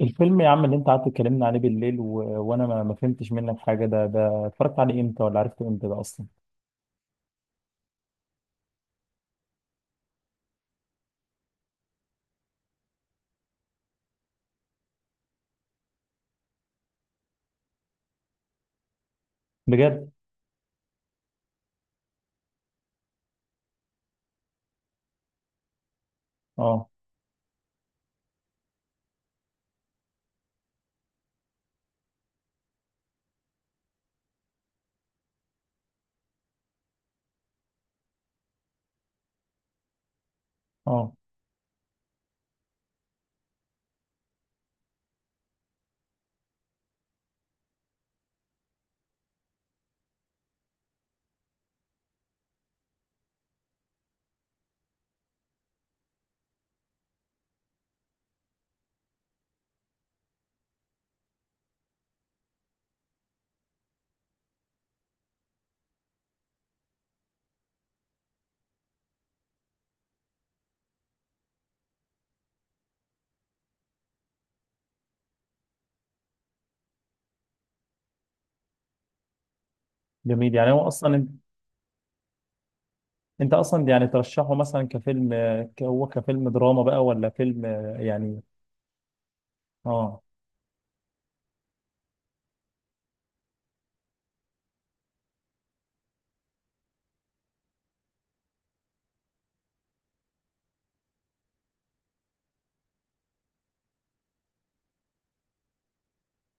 الفيلم يا عم اللي انت قعدت تكلمنا عليه بالليل وانا ما فهمتش منك حاجه. ده اتفرجت عليه امتى ولا عرفته امتى ده اصلا؟ بجد. اه اه، جميل. يعني هو اصلا انت اصلا يعني ترشحه مثلا كفيلم هو كفيلم دراما بقى ولا فيلم يعني؟ اه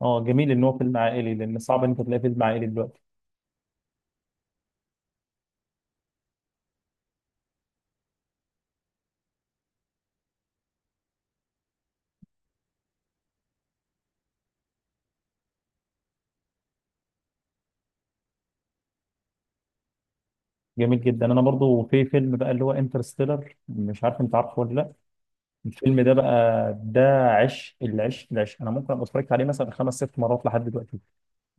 اه، جميل ان هو فيلم عائلي، لان صعب ان انت تلاقي فيلم عائلي دلوقتي. جميل جدا. انا برضو في فيلم بقى اللي هو انترستيلر، مش عارف انت عارفه ولا لا. الفيلم ده بقى ده عشق العشق العشق، انا ممكن ابقى اتفرجت عليه مثلا خمس ست مرات لحد دلوقتي.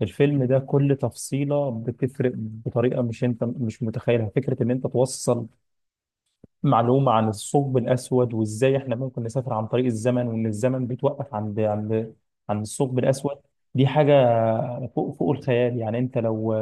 الفيلم ده كل تفصيلة بتفرق بطريقة مش انت مش متخيلها. فكرة ان انت توصل معلومة عن الثقب الأسود وإزاي إحنا ممكن نسافر عن طريق الزمن وإن الزمن بيتوقف عند عند الثقب الأسود. دي حاجة فوق الخيال. يعني أنت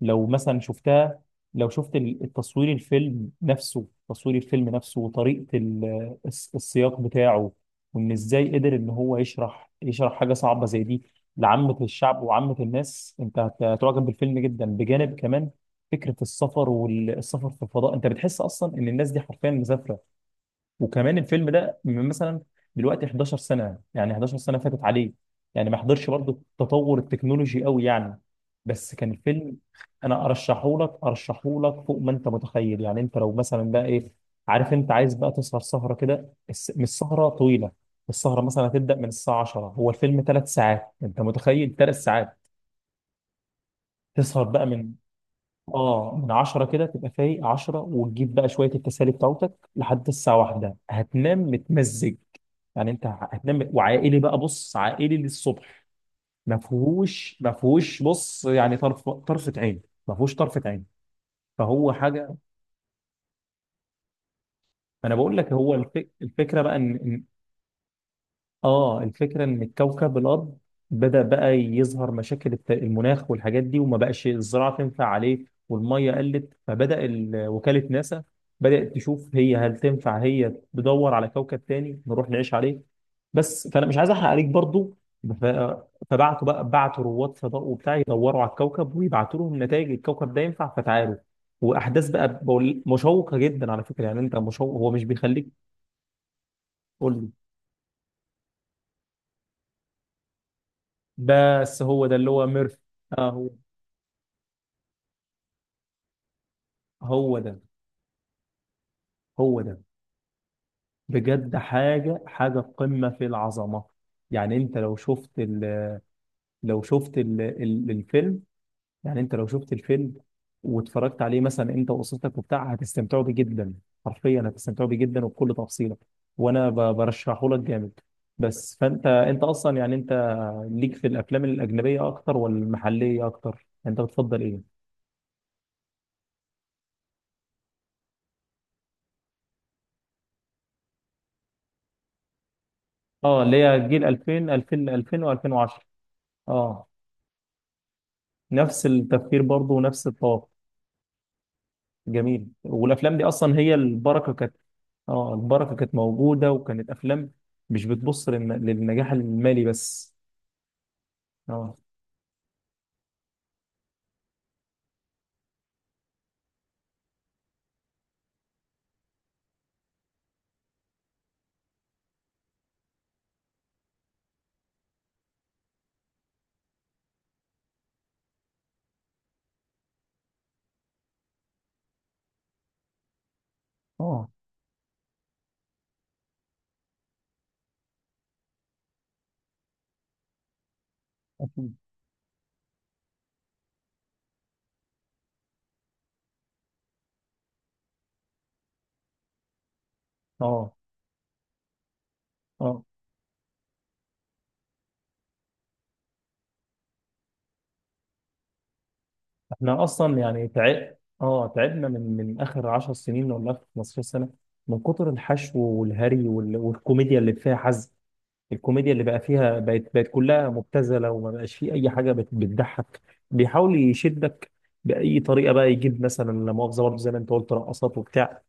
لو مثلا شفتها، لو شفت التصوير الفيلم نفسه تصوير الفيلم نفسه وطريقة السياق بتاعه، وإن إزاي قدر إن هو يشرح حاجة صعبة زي دي لعامة الشعب وعامة الناس، أنت هتعجب بالفيلم جدا. بجانب كمان فكره السفر والسفر في الفضاء، انت بتحس اصلا ان الناس دي حرفيا مسافره. وكمان الفيلم ده من مثلا دلوقتي 11 سنه، يعني 11 سنه فاتت عليه، يعني ما حضرش برضه تطور التكنولوجي قوي يعني، بس كان فيلم. انا ارشحه لك، ارشحه لك فوق ما انت متخيل. يعني انت لو مثلا بقى ايه، عارف، انت عايز بقى تسهر سهره كده، مش سهره طويله. السهره مثلا هتبدا من الساعه 10، هو الفيلم ثلاث ساعات، انت متخيل ثلاث ساعات؟ تسهر بقى من اه من 10 كده، تبقى فايق 10 وتجيب بقى شويه التسالي بتاعتك لحد الساعه واحدة، هتنام متمزج. يعني انت هتنام. وعائلي بقى، بص، عائلي للصبح. ما فيهوش، بص، يعني طرفه عين. ما فيهوش طرفه عين. فهو حاجه. انا بقول لك، هو الفكره بقى ان اه الفكرة ان الكوكب الارض بدأ بقى يظهر مشاكل المناخ والحاجات دي، وما بقاش الزراعة تنفع عليه والمية قلت، فبدأ وكالة ناسا بدأت تشوف هي هل تنفع هي تدور على كوكب تاني نروح نعيش عليه. بس فانا مش عايز احرق عليك برضو. ف- فبعتوا بقى، بعتوا رواد فضاء وبتاع، يدوروا على الكوكب ويبعتوا لهم نتائج الكوكب ده ينفع فتعالوا. واحداث بقى مشوقة جدا على فكرة، يعني انت مشوق، هو مش بيخليك. قول. بس هو ده اللي هو ميرف. اه، هو هو ده، هو ده. بجد حاجة، حاجة قمة في العظمة. يعني انت لو شفت ال... ال... الفيلم، يعني انت لو شفت الفيلم واتفرجت عليه مثلا انت واسرتك وبتاع، هتستمتعوا بيه جدا، حرفيا هتستمتعوا بيه جدا وبكل تفصيلة. وانا برشحه لك جامد. بس فانت انت اصلا يعني انت ليك في الافلام الاجنبية اكتر ولا المحلية اكتر؟ انت بتفضل ايه؟ اه، اللي هي جيل 2000 2000 2000 و2010. اه، نفس التفكير برضه ونفس الطاقة. جميل. والافلام دي اصلا هي البركة كانت. اه البركة كانت موجودة، وكانت افلام مش بتبص للنجاح المالي بس. اه، اه، أكيد. اه، اه، احنا اصلا يعني تعب. اه تعبنا من من اخر 10 سنين ولا اخر 15 سنة، من كتر الحشو والهري والكوميديا اللي فيها حزق. الكوميديا اللي بقى فيها بقت كلها مبتذله، وما بقاش فيه اي حاجه بتضحك. بيحاول يشدك باي طريقه بقى، يجيب مثلا، لا مؤاخذه، برضه زي ما انت قلت، رقصات وبتاع،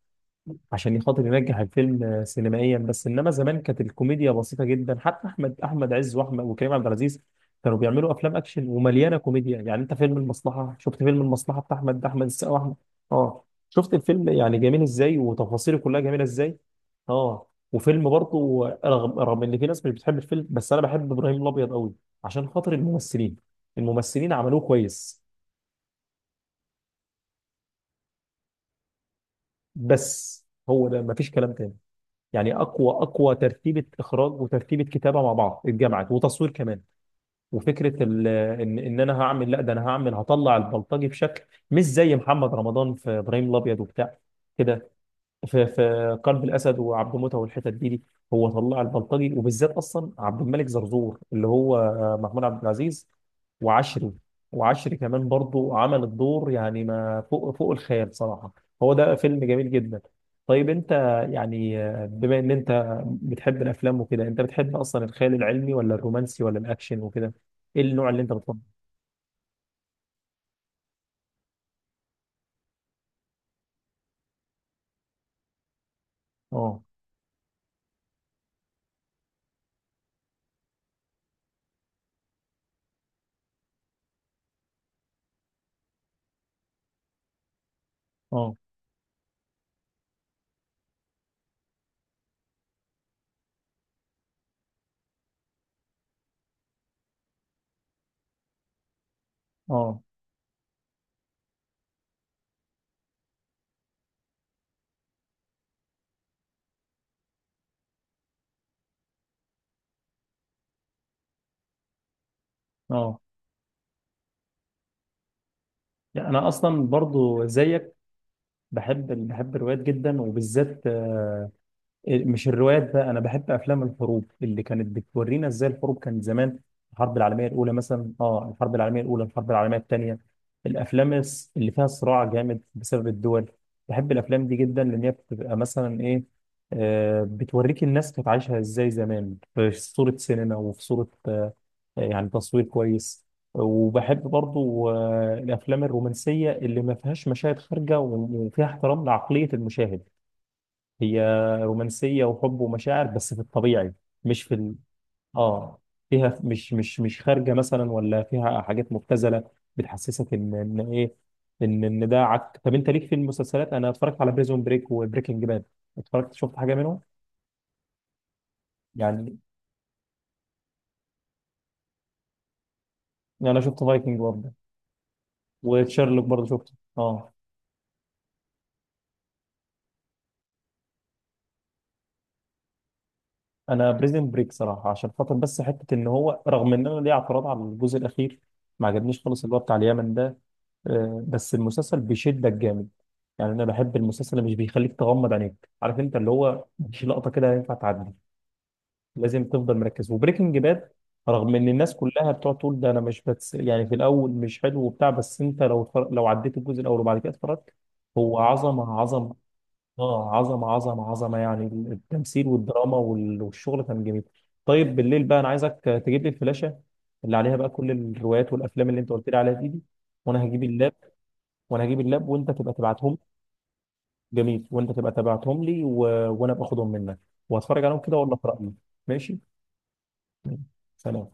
عشان خاطر ينجح الفيلم سينمائيا بس. انما زمان كانت الكوميديا بسيطه جدا. حتى احمد عز واحمد وكريم عبد العزيز كانوا بيعملوا افلام اكشن ومليانه كوميديا. يعني انت فيلم المصلحه، شفت فيلم المصلحه بتاع احمد السقا واحمد؟ اه شفت الفيلم، يعني جميل ازاي وتفاصيله كلها جميله ازاي. اه، وفيلم برضه رغم ان في ناس مش بتحب الفيلم، بس انا بحب ابراهيم الابيض قوي عشان خاطر الممثلين. الممثلين عملوه كويس. بس هو ده، مفيش كلام تاني. يعني اقوى ترتيبه اخراج وترتيبه كتابه مع بعض اتجمعت، وتصوير كمان. وفكره ان انا هعمل، لا ده انا هعمل، هطلع البلطجي بشكل مش زي محمد رمضان في ابراهيم الابيض وبتاع كده، في في قلب الاسد وعبد موته والحتت دي. هو طلع البلطجي، وبالذات اصلا عبد الملك زرزور اللي هو محمود عبد العزيز. وعشري، وعشري كمان برضو عمل الدور يعني ما فوق الخيال صراحه. هو ده فيلم جميل جدا. طيب انت، يعني بما ان انت بتحب الافلام وكده، انت بتحب اصلا الخيال العلمي ولا الرومانسي ولا الاكشن وكده؟ ايه النوع اللي انت بتفضله؟ اه اه اه اه، يعني انا اصلا برضو زيك، بحب الروايات جدا، وبالذات مش الروايات بقى، انا بحب افلام الحروب اللي كانت بتورينا ازاي الحروب كانت زمان. الحرب العالميه الاولى مثلا، اه الحرب العالميه الاولى، الحرب العالميه الثانيه، اللي فيها صراع جامد بسبب الدول. بحب الافلام دي جدا، لان هي بتبقى مثلا ايه، آه بتوريك الناس كانت عايشه ازاي زمان، في صوره سينما وفي صوره آه، يعني تصوير كويس. وبحب برضو آه الافلام الرومانسيه اللي ما فيهاش مشاهد خارجه وفيها احترام لعقليه المشاهد. هي رومانسية وحب ومشاعر بس في الطبيعي، مش في ال... اه، فيها مش خارجة مثلا، ولا فيها حاجات مبتذلة. بتحسسك ان ايه، ان ده عك. طب انت ليك في المسلسلات؟ انا اتفرجت على بريزون بريك وبريكنج باد، اتفرجت، شفت حاجة منهم؟ يعني انا شفت فايكنج برضه، وتشيرلوك برضه شفته. اه، انا بريزون بريك صراحة عشان خاطر بس حتة ان هو، رغم ان انا ليا اعتراض على الجزء الاخير، ما عجبنيش خالص اللي هو بتاع اليمن ده، بس المسلسل بيشدك جامد. يعني انا بحب المسلسل اللي مش بيخليك تغمض عينيك، عارف، انت اللي هو مفيش لقطه كده ينفع تعدي، لازم تفضل مركز. وبريكنج باد، رغم ان الناس كلها بتقعد تقول، ده انا مش يعني في الاول مش حلو وبتاع، بس انت لو لو عديت الجزء الاول وبعد كده اتفرجت، هو عظمه عظمه. اه عظمه عظمه عظمه يعني، التمثيل والدراما والشغل كان جميل. طيب بالليل بقى انا عايزك تجيب لي الفلاشه اللي عليها بقى كل الروايات والافلام اللي انت قلت لي عليها دي. وانا هجيب، وانا هجيب اللاب، وانت تبقى تبعتهم لي. جميل، وانت تبقى تبعتهم لي وانا باخدهم منك واتفرج عليهم كده واقول لك رايي. ماشي. سلام.